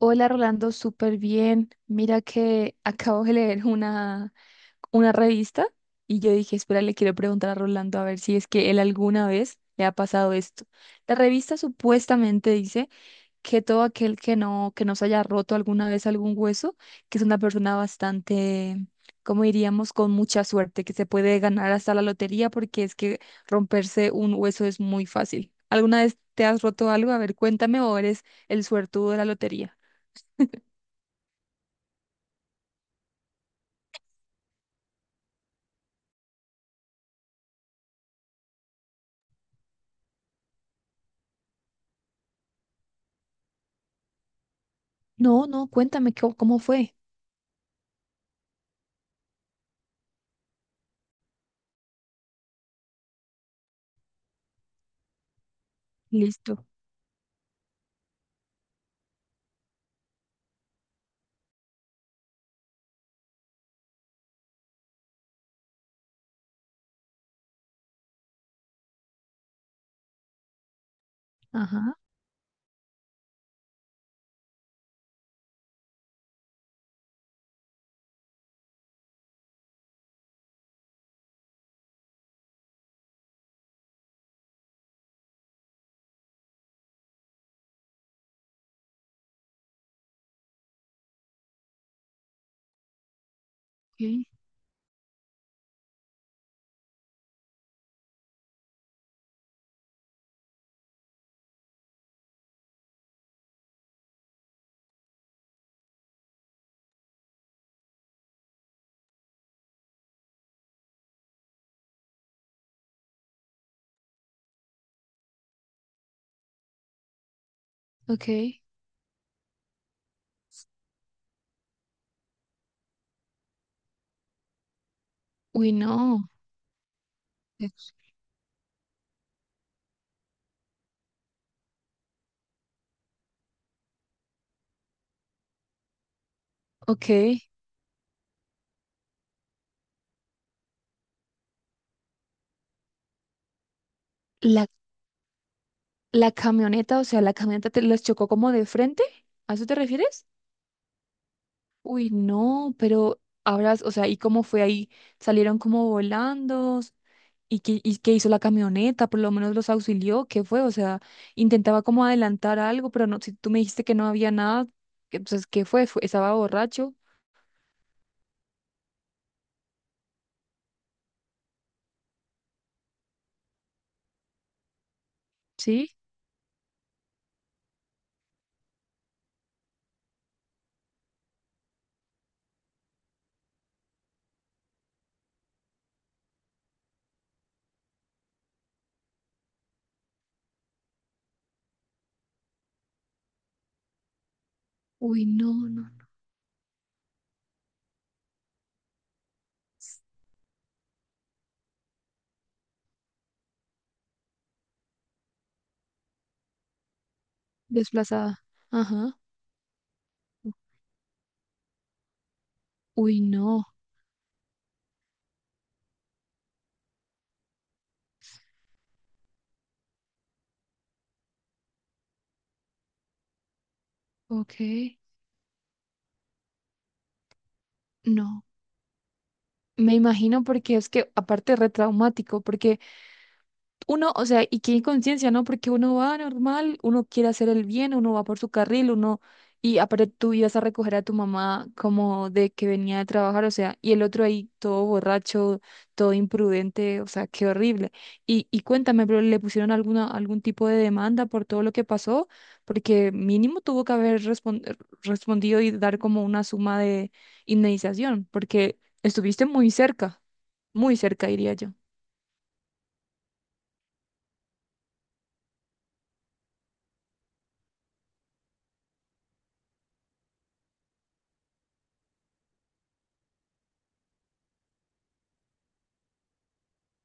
Hola Rolando, súper bien. Mira que acabo de leer una revista y yo dije, espera, le quiero preguntar a Rolando a ver si es que él alguna vez le ha pasado esto. La revista supuestamente dice que todo aquel que no se haya roto alguna vez algún hueso, que es una persona bastante, como diríamos, con mucha suerte, que se puede ganar hasta la lotería porque es que romperse un hueso es muy fácil. ¿Alguna vez te has roto algo? A ver, cuéntame o eres el suertudo de la lotería. No, no, cuéntame cómo fue. Listo. Ajá. Okay. Okay. Uy, no. Eh, Ok. La, la camioneta, o sea, la camioneta te los chocó como de frente. ¿A eso te refieres? Uy, no, pero ahora, o sea, ¿y cómo fue ahí? ¿Salieron como volando? ¿Y qué hizo la camioneta? Por lo menos los auxilió. ¿Qué fue? O sea, intentaba como adelantar algo, pero no, si tú me dijiste que no había nada, entonces, ¿qué fue? Fue- ¿Estaba borracho? ¿Sí? Uy, no, no. Desplazada. Ajá. Uy, no. Ok. No. Me imagino porque es que aparte retraumático, porque uno, o sea, y qué inconsciencia, ¿no? Porque uno va normal, uno quiere hacer el bien, uno va por su carril, uno, y aparte tú ibas a recoger a tu mamá como de que venía de trabajar, o sea, y el otro ahí todo borracho, todo imprudente, o sea, qué horrible. Y cuéntame, pero ¿le pusieron alguna, algún tipo de demanda por todo lo que pasó? Porque mínimo tuvo que haber respon- respondido y dar como una suma de indemnización, porque estuviste muy cerca, diría yo.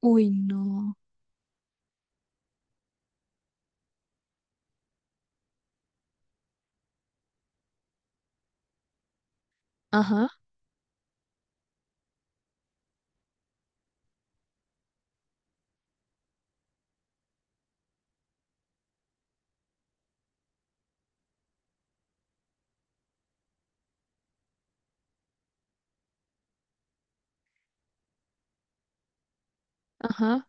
Uy, no. Ajá. Ajá.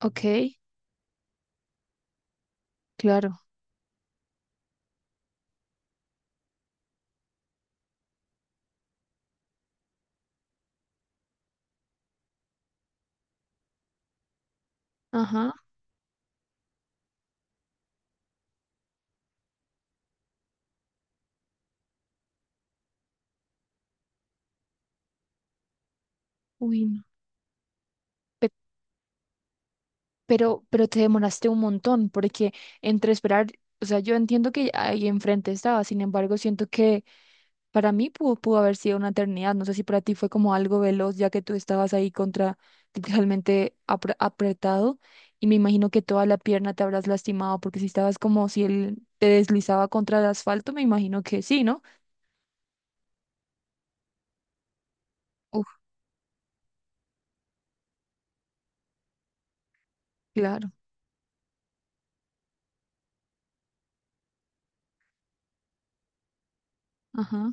Ok, claro. Ajá. Uy, no. Pe- pero te demoraste un montón, porque entre esperar, o sea, yo entiendo que ahí enfrente estaba, sin embargo, siento que para mí pudo haber sido una eternidad. No sé si para ti fue como algo veloz, ya que tú estabas ahí contra literalmente apre- apretado, y me imagino que toda la pierna te habrás lastimado, porque si estabas como si él te deslizaba contra el asfalto, me imagino que sí, ¿no? Uf, claro. Ajá.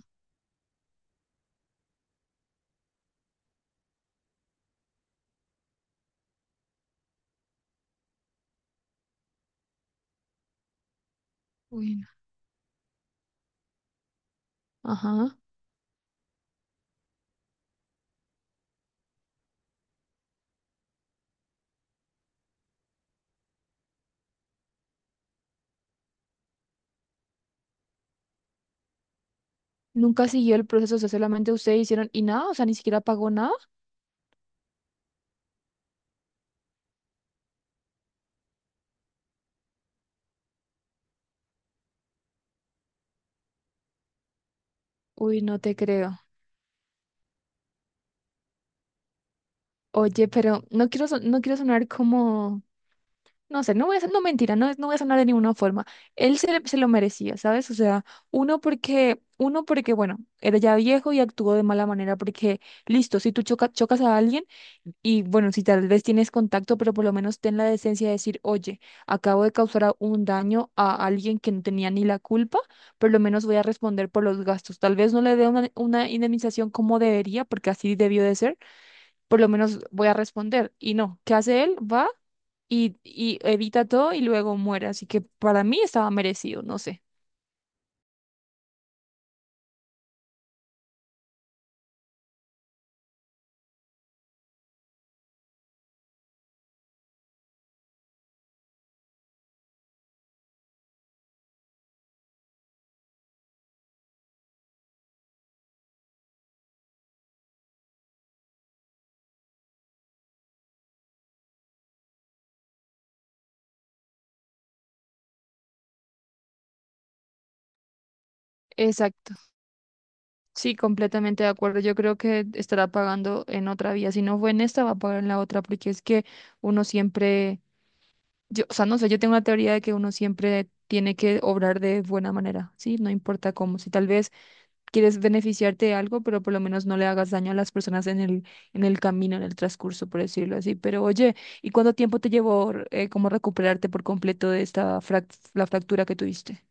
Uy, no. Ajá. Nunca siguió el proceso, o sea, solamente ustedes hicieron y nada, o sea, ni siquiera pagó nada. Uy, no te creo. Oye, pero no quiero, son- no quiero sonar como, no sé, no voy a, son- no mentira, no, no voy a sonar de ninguna forma. Él se, le- se lo merecía, ¿sabes? O sea, uno porque, bueno, era ya viejo y actuó de mala manera, porque, listo, si tú choca- chocas a alguien, y bueno, si tal vez tienes contacto, pero por lo menos ten la decencia de decir, oye, acabo de causar a- un daño a alguien que no tenía ni la culpa, por lo menos voy a responder por los gastos. Tal vez no le dé una indemnización como debería, porque así debió de ser, por lo menos voy a responder. Y no, ¿qué hace él? Va y evita todo y luego muere. Así que para mí estaba merecido, no sé. Exacto. Sí, completamente de acuerdo. Yo creo que estará pagando en otra vía. Si no fue en esta, va a pagar en la otra, porque es que uno siempre. Yo, o sea, no sé, yo tengo una teoría de que uno siempre tiene que obrar de buena manera, ¿sí? No importa cómo. Si tal vez quieres beneficiarte de algo, pero por lo menos no le hagas daño a las personas en el camino, en el transcurso, por decirlo así. Pero oye, ¿y cuánto tiempo te llevó como recuperarte por completo de esta frac- la fractura que tuviste?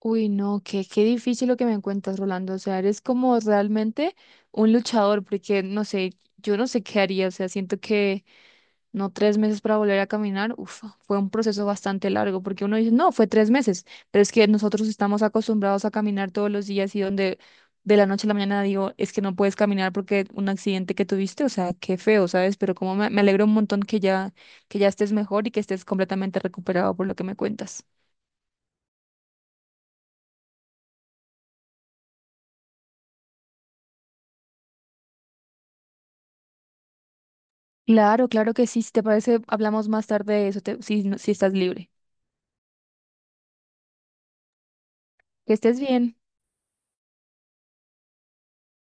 Uy, no, qué difícil lo que me cuentas, Rolando. O sea, eres como realmente un luchador, porque no sé, yo no sé qué haría. O sea, siento que no 3 meses para volver a caminar, uf, fue un proceso bastante largo, porque uno dice, no, fue 3 meses, pero es que nosotros estamos acostumbrados a caminar todos los días y donde de la noche a la mañana digo, es que no puedes caminar porque un accidente que tuviste, o sea, qué feo, ¿sabes? Pero como me alegro un montón que ya estés mejor y que estés completamente recuperado por lo que me cuentas. Claro, claro que sí, si te parece, hablamos más tarde de eso, te- si, no- si estás libre. Que estés bien.